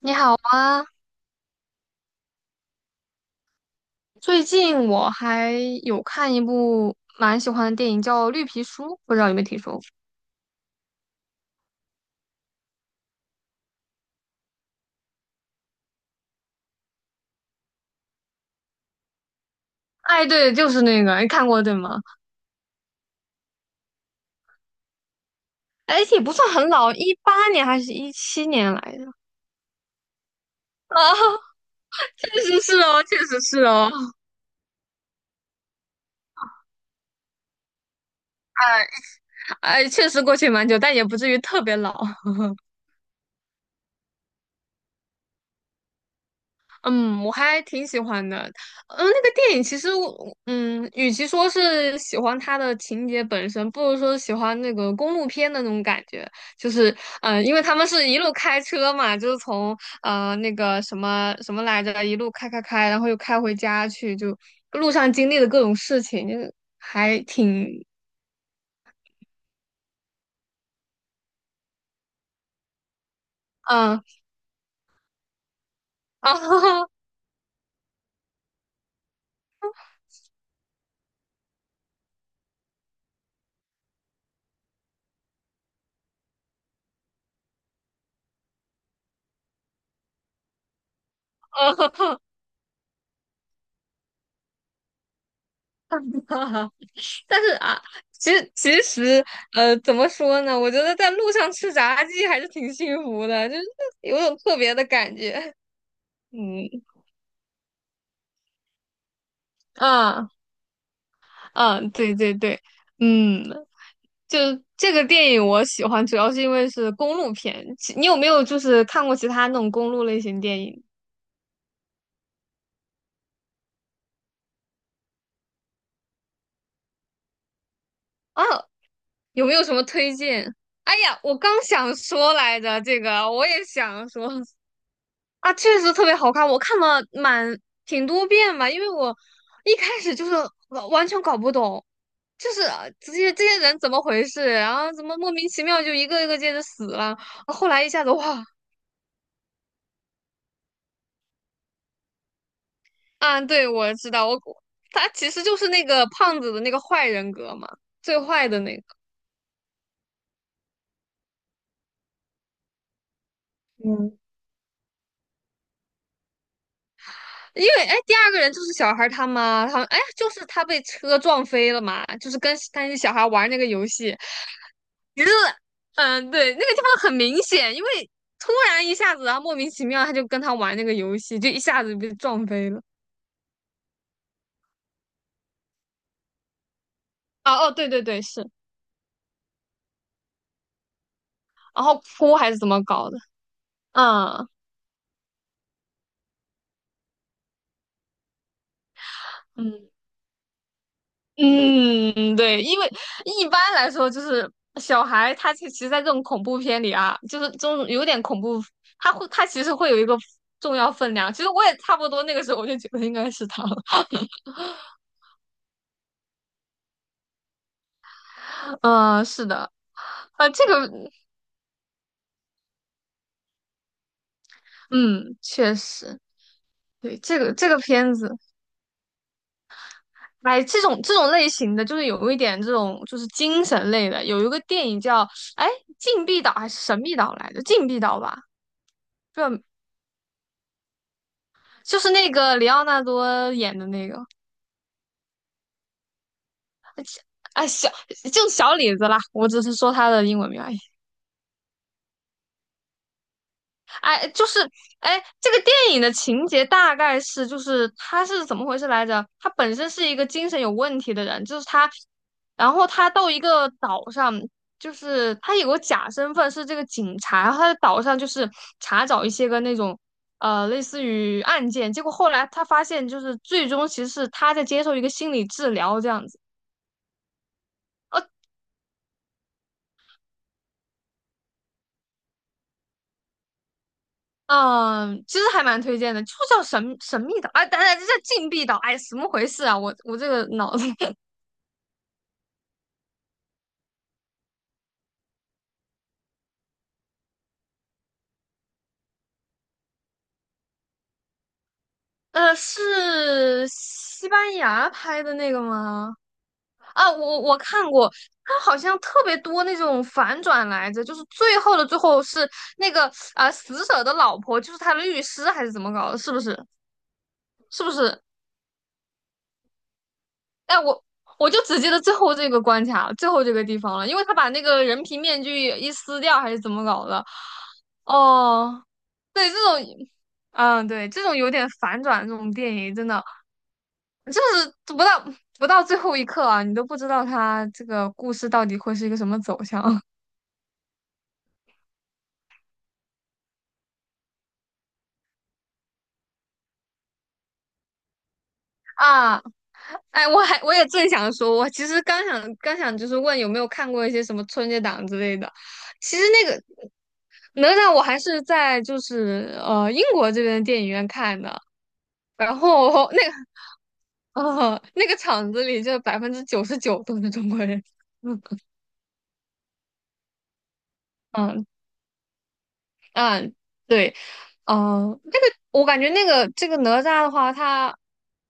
你好啊，最近我还有看一部蛮喜欢的电影，叫《绿皮书》，不知道有没有听说过？哎，对，就是那个，你看过对吗？哎，也不算很老，18年还是17年来的。啊，确实是哦，确实是哦。哎哎，确实过去蛮久，但也不至于特别老。嗯，我还挺喜欢的。嗯，那个电影其实我，与其说是喜欢它的情节本身，不如说是喜欢那个公路片的那种感觉。就是，因为他们是一路开车嘛，就是从那个什么什么来着，一路开开开，然后又开回家去，就路上经历的各种事情，就是还挺，嗯，啊，哈哈，啊哈哈。但是啊，其实怎么说呢？我觉得在路上吃炸鸡还是挺幸福的，就是有种特别的感觉。嗯，啊啊，对对对，嗯，就这个电影我喜欢，主要是因为是公路片。你有没有就是看过其他那种公路类型电影啊？有没有什么推荐？哎呀，我刚想说来着，这个我也想说。啊，确实特别好看，我看了挺多遍吧，因为我一开始就是完全搞不懂，就是啊这些人怎么回事，然后怎么莫名其妙就一个一个接着死了，后来一下子哇。啊，对，我知道，他其实就是那个胖子的那个坏人格嘛，最坏的那个。嗯，因为哎，第二个人就是小孩他妈，他们哎，就是他被车撞飞了嘛，就是跟那些小孩玩那个游戏。其实，嗯，对，那个地方很明显，因为突然一下子，然后莫名其妙他就跟他玩那个游戏，就一下子被撞飞了。啊，哦，对对对，是，然后哭还是怎么搞的？嗯嗯嗯，对，因为一般来说就是小孩，他其实，在这种恐怖片里啊，就是这种有点恐怖，他其实会有一个重要分量。其实我也差不多那个时候，我就觉得应该是他了。嗯，是的。啊，这个，嗯，确实，对，这个片子。哎，这种类型的，就是有一点这种就是精神类的，有一个电影叫哎《禁闭岛》还是《神秘岛》来着，《禁闭岛》吧，不知道就是那个里奥纳多演的那个，哎就是小李子啦，我只是说他的英文名而已。哎，就是哎，这个电影的情节大概是，就是他是怎么回事来着？他本身是一个精神有问题的人，就是他，然后他到一个岛上，就是他有个假身份是这个警察，然后他在岛上就是查找一些个那种类似于案件，结果后来他发现，就是最终其实是他在接受一个心理治疗这样子。呃嗯，其实还蛮推荐的，就叫神秘岛，哎，等等，这叫禁闭岛，哎，什么回事啊？我这个脑子 呃，是西班牙拍的那个吗？啊，我看过，他好像特别多那种反转来着，就是最后的最后是那个啊、死者的老婆就是他的律师还是怎么搞的？是不是？是不是？哎，我就只记得最后这个关卡，最后这个地方了，因为他把那个人皮面具一撕掉还是怎么搞的？哦，对，这种，嗯，对，这种有点反转这种电影真的。就是不到最后一刻啊，你都不知道他这个故事到底会是一个什么走向。 啊！哎，我也正想说，我其实刚想就是问有没有看过一些什么春节档之类的。其实那个哪吒我还是在就是英国这边的电影院看的，然后那个场子里就99%都是中国人。嗯嗯嗯，对。哦，这个我感觉那个这个哪吒的话，它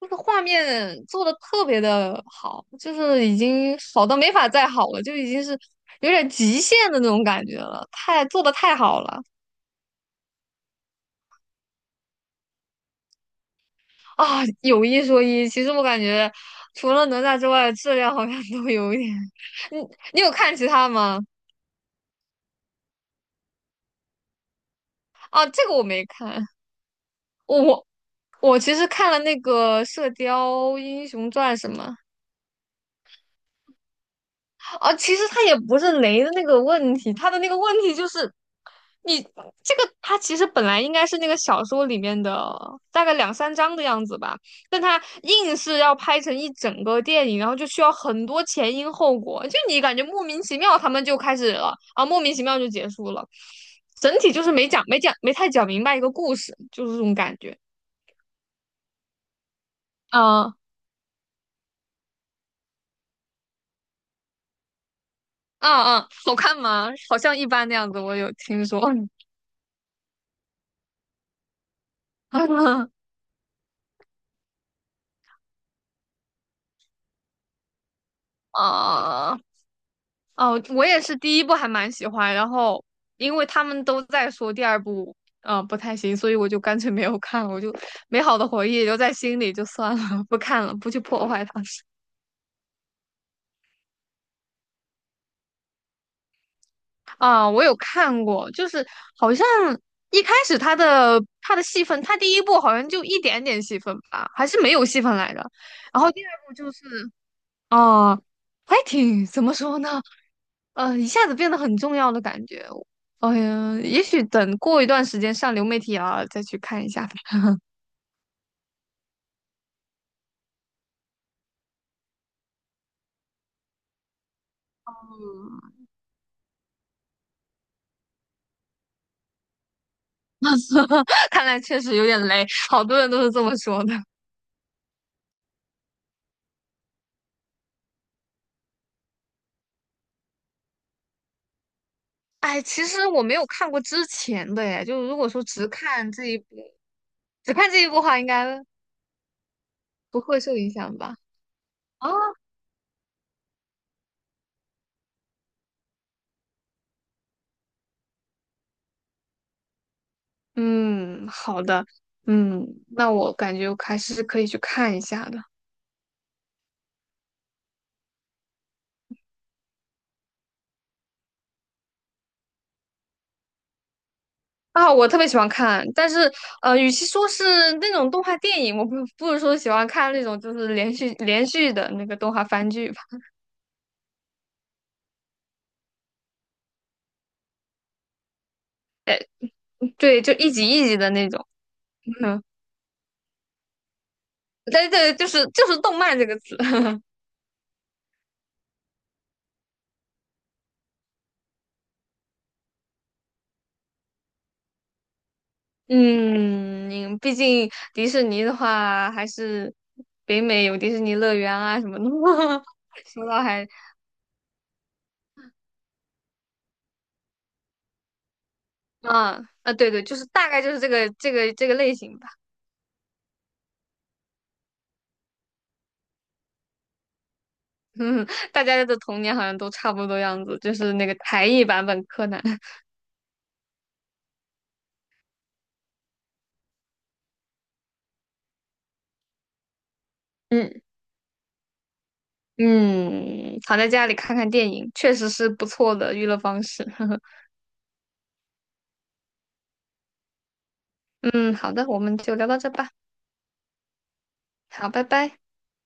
就是画面做的特别的好，就是已经好到没法再好了，就已经是有点极限的那种感觉了，太做的太好了。啊！有一说一，其实我感觉除了哪吒之外，质量好像都有一点。你你有看其他吗？啊，这个我没看，我我我其实看了那个《射雕英雄传》什么。啊，其实他也不是雷的那个问题，他的那个问题就是你这个，他其实本来应该是那个小说里面的大概2、3章的样子吧，但他硬是要拍成一整个电影，然后就需要很多前因后果，就你感觉莫名其妙他们就开始了啊，莫名其妙就结束了，整体就是没太讲明白一个故事，就是这种感觉。啊啊啊，好看吗？好像一般那样子，我有听说。啊。哦，我也是第一部还蛮喜欢，然后因为他们都在说第二部，不太行，所以我就干脆没有看了。我就美好的回忆留在心里就算了，不看了，不去破坏它。啊，我有看过，就是好像一开始他的戏份，他第一部好像就一点点戏份吧，还是没有戏份来着，然后第二部就是，啊，还挺怎么说呢？一下子变得很重要的感觉。哎呀，也许等过一段时间上流媒体啊，再去看一下嗯，看来确实有点雷，好多人都是这么说的。哎，其实我没有看过之前的耶，就如果说只看这一部，只看这一部的话，应该不会受影响吧？啊，嗯，好的，嗯，那我感觉我还是可以去看一下的。啊，我特别喜欢看，但是与其说是那种动画电影，我不如说喜欢看那种就是连续的那个动画番剧吧。哎，对，就一集一集的那种。嗯，对对，就是动漫这个词。嗯，毕竟迪士尼的话，还是北美有迪士尼乐园啊什么的。说到还啊啊，对对，就是大概就是这个类型吧。嗯，大家的童年好像都差不多样子，就是那个台译版本柯南。嗯嗯，躺在家里看看电影，确实是不错的娱乐方式。嗯，好的，我们就聊到这吧。好，拜拜。